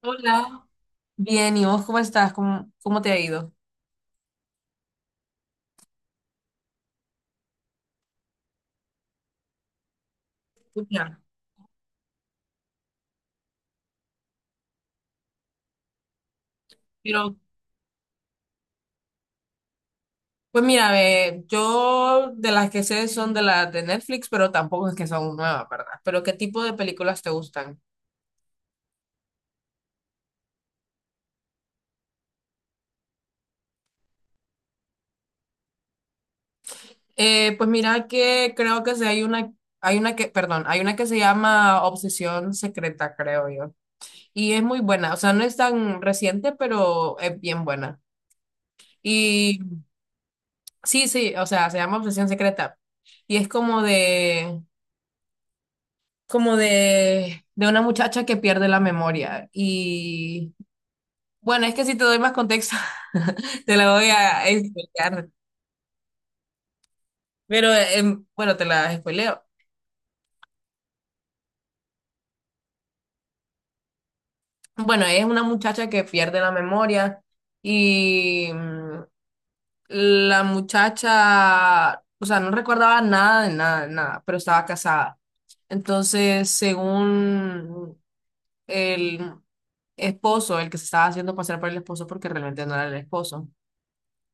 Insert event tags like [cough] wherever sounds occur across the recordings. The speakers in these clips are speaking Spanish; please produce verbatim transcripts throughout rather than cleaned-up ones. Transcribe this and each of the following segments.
Hola. Bien, ¿y vos cómo estás? ¿Cómo, cómo te ha ido? Escucha, pero, pues mira, ve, yo de las que sé son de las de Netflix, pero tampoco es que son nuevas, ¿verdad? Pero ¿qué tipo de películas te gustan? Eh, pues mira que creo que sí hay una, hay una que, perdón, hay una que se llama Obsesión Secreta, creo yo. Y es muy buena, o sea, no es tan reciente, pero es bien buena. Y sí, sí, o sea, se llama Obsesión Secreta. Y es como de, como de, de una muchacha que pierde la memoria. Y bueno, es que si te doy más contexto, [laughs] te la voy a explicar. Pero em, bueno, te la spoileo. Bueno, es una muchacha que pierde la memoria y mm, la muchacha, o sea, no recordaba nada de nada, de nada, pero estaba casada. Entonces, según el esposo, el que se estaba haciendo pasar por el esposo, porque realmente no era el esposo,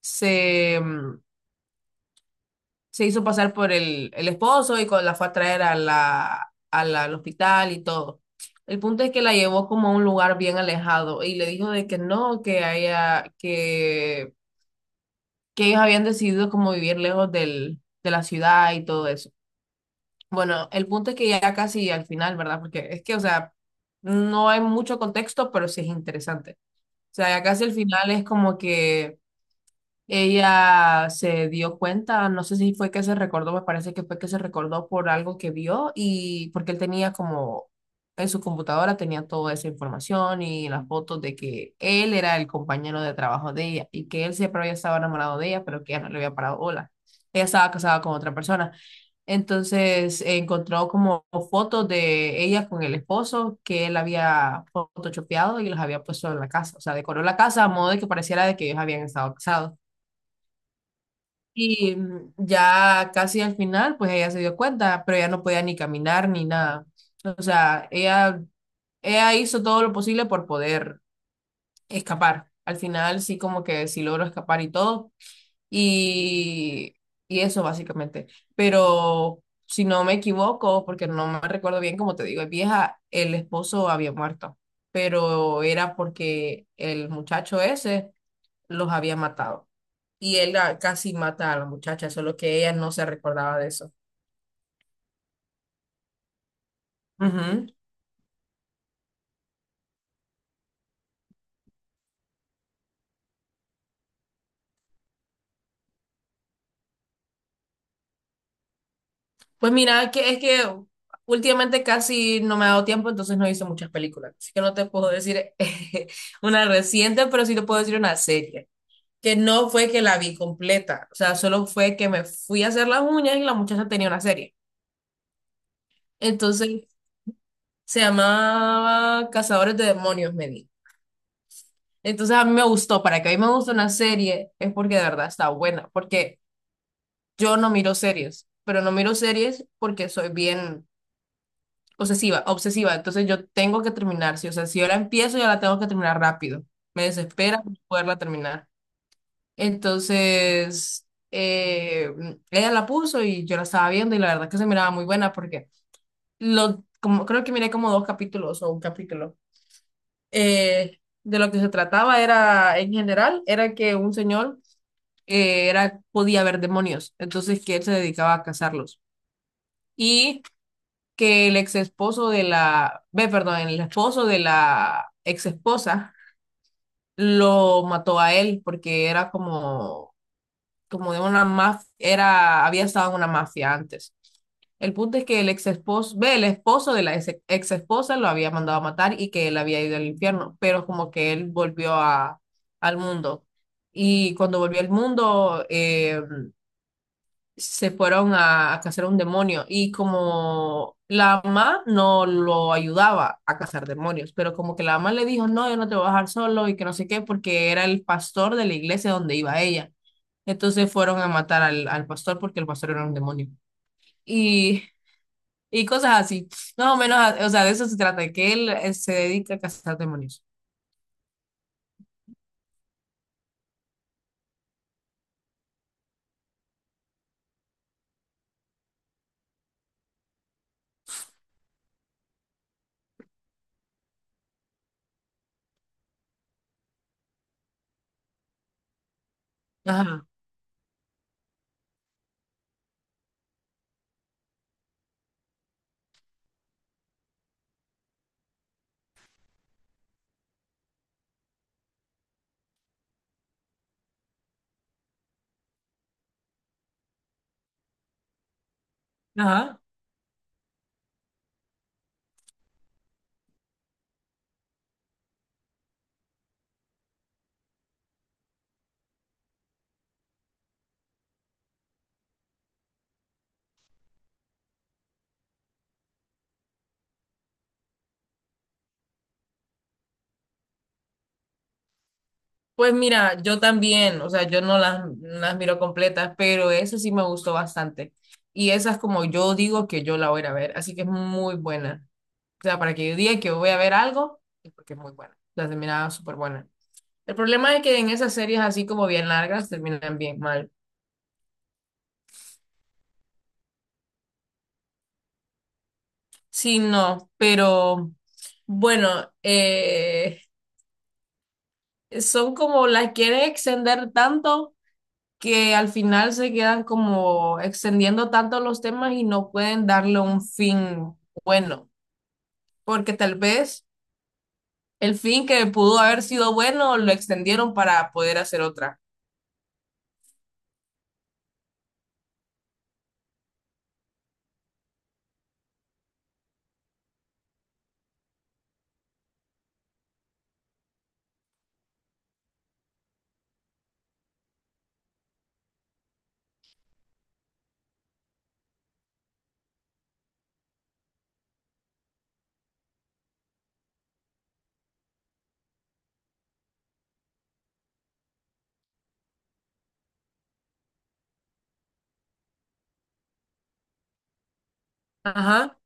se, mm, se hizo pasar por el, el esposo y con, la fue a traer a la, a la- al hospital y todo. El punto es que la llevó como a un lugar bien alejado y le dijo de que no, que haya, que, que ellos habían decidido como vivir lejos del, de la ciudad y todo eso. Bueno, el punto es que ya casi al final, ¿verdad? Porque es que, o sea, no hay mucho contexto, pero sí es interesante. O sea, ya casi al final es como que ella se dio cuenta, no sé si fue que se recordó, me parece que fue que se recordó por algo que vio y porque él tenía como en su computadora tenía toda esa información y las fotos de que él era el compañero de trabajo de ella y que él siempre había estado enamorado de ella, pero que ella no le había parado bola. Ella estaba casada con otra persona. Entonces eh, encontró como fotos de ella con el esposo que él había photoshopeado y los había puesto en la casa. O sea, decoró la casa a modo de que pareciera de que ellos habían estado casados. Y mm, ya casi al final, pues ella se dio cuenta, pero ella no podía ni caminar ni nada. O sea, ella, ella hizo todo lo posible por poder escapar. Al final sí como que sí logró escapar y todo. Y, y eso básicamente. Pero si no me equivoco, porque no me recuerdo bien, como te digo, es vieja, el esposo había muerto, pero era porque el muchacho ese los había matado y él la- casi mata a la muchacha, solo que ella no se recordaba de eso. Ujú. Pues mira, que es que últimamente casi no me ha dado tiempo, entonces no he visto muchas películas, así que no te puedo decir [laughs] una reciente, pero sí te puedo decir una serie, que no fue que la vi completa, o sea, solo fue que me fui a hacer las uñas y la muchacha tenía una serie. Entonces se llamaba Cazadores de Demonios, me di. Entonces a mí me gustó, para que a mí me guste una serie es porque de verdad está buena, porque yo no miro series, pero no miro series porque soy bien obsesiva, obsesiva. Entonces yo tengo que terminar, sí. O sea, si yo la empiezo, yo la tengo que terminar rápido. Me desespera no poderla terminar. Entonces, eh, ella la puso y yo la estaba viendo y la verdad que se miraba muy buena porque lo, como, creo que miré como dos capítulos o un capítulo. Eh, de lo que se trataba era, en general, era que un señor eh, era, podía ver demonios, entonces que él se dedicaba a cazarlos. Y que el ex esposo de la, ve, perdón, el esposo de la ex esposa lo mató a él porque era como, como de una mafia, era, había estado en una mafia antes. El punto es que el ex esposo, ve, el esposo de la ex, ex esposa lo había mandado a matar y que él había ido al infierno, pero como que él volvió a, al mundo. Y cuando volvió al mundo, eh, se fueron a, a cazar un demonio y como la mamá no lo ayudaba a cazar demonios, pero como que la mamá le dijo, no, yo no te voy a dejar solo y que no sé qué, porque era el pastor de la iglesia donde iba ella. Entonces fueron a matar al, al pastor porque el pastor era un demonio. Y, y cosas así, más o menos, o sea, de eso se trata, que él eh, se dedica a cazar demonios. Ajá, ajá. Pues mira, yo también, o sea, yo no las, no las miro completas, pero esa sí me gustó bastante. Y esa es como yo digo que yo la voy a ir a ver, así que es muy buena. O sea, para que yo diga que voy a ver algo, es porque es muy buena. La terminaba súper buena. El problema es que en esas series así como bien largas terminan bien mal. Sí, no, pero bueno, eh, son como las quieren extender tanto que al final se quedan como extendiendo tanto los temas y no pueden darle un fin bueno, porque tal vez el fin que pudo haber sido bueno lo extendieron para poder hacer otra. Ajá,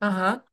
ajá,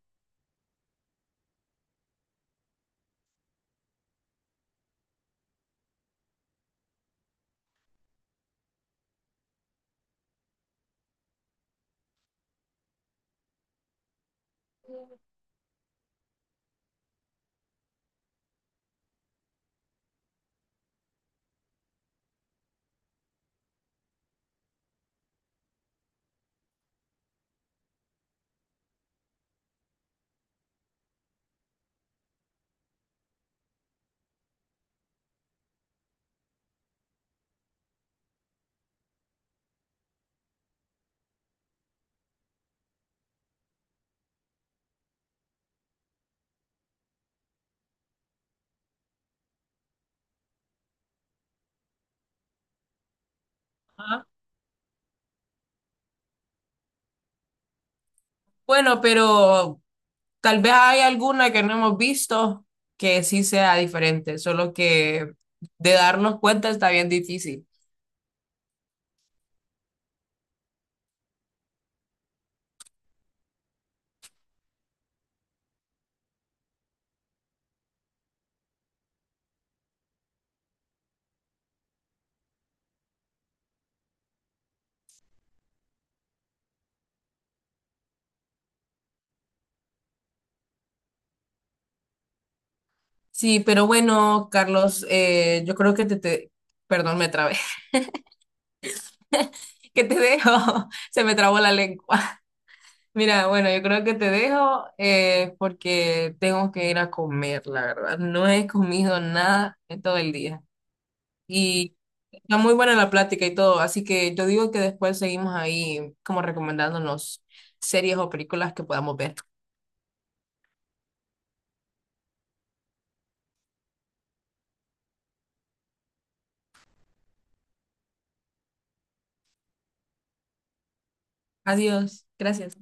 ajá. Bueno, pero tal vez hay alguna que no hemos visto que sí sea diferente, solo que de darnos cuenta está bien difícil. Sí, pero bueno, Carlos, eh, yo creo que te, te- perdón, me trabé. ¿Qué te dejo? [laughs] Se me trabó la lengua. [laughs] Mira, bueno, yo creo que te dejo eh, porque tengo que ir a comer, la verdad. No he comido nada en todo el día. Y está muy buena la plática y todo, así que yo digo que después seguimos ahí como recomendándonos series o películas que podamos ver. Adiós, gracias.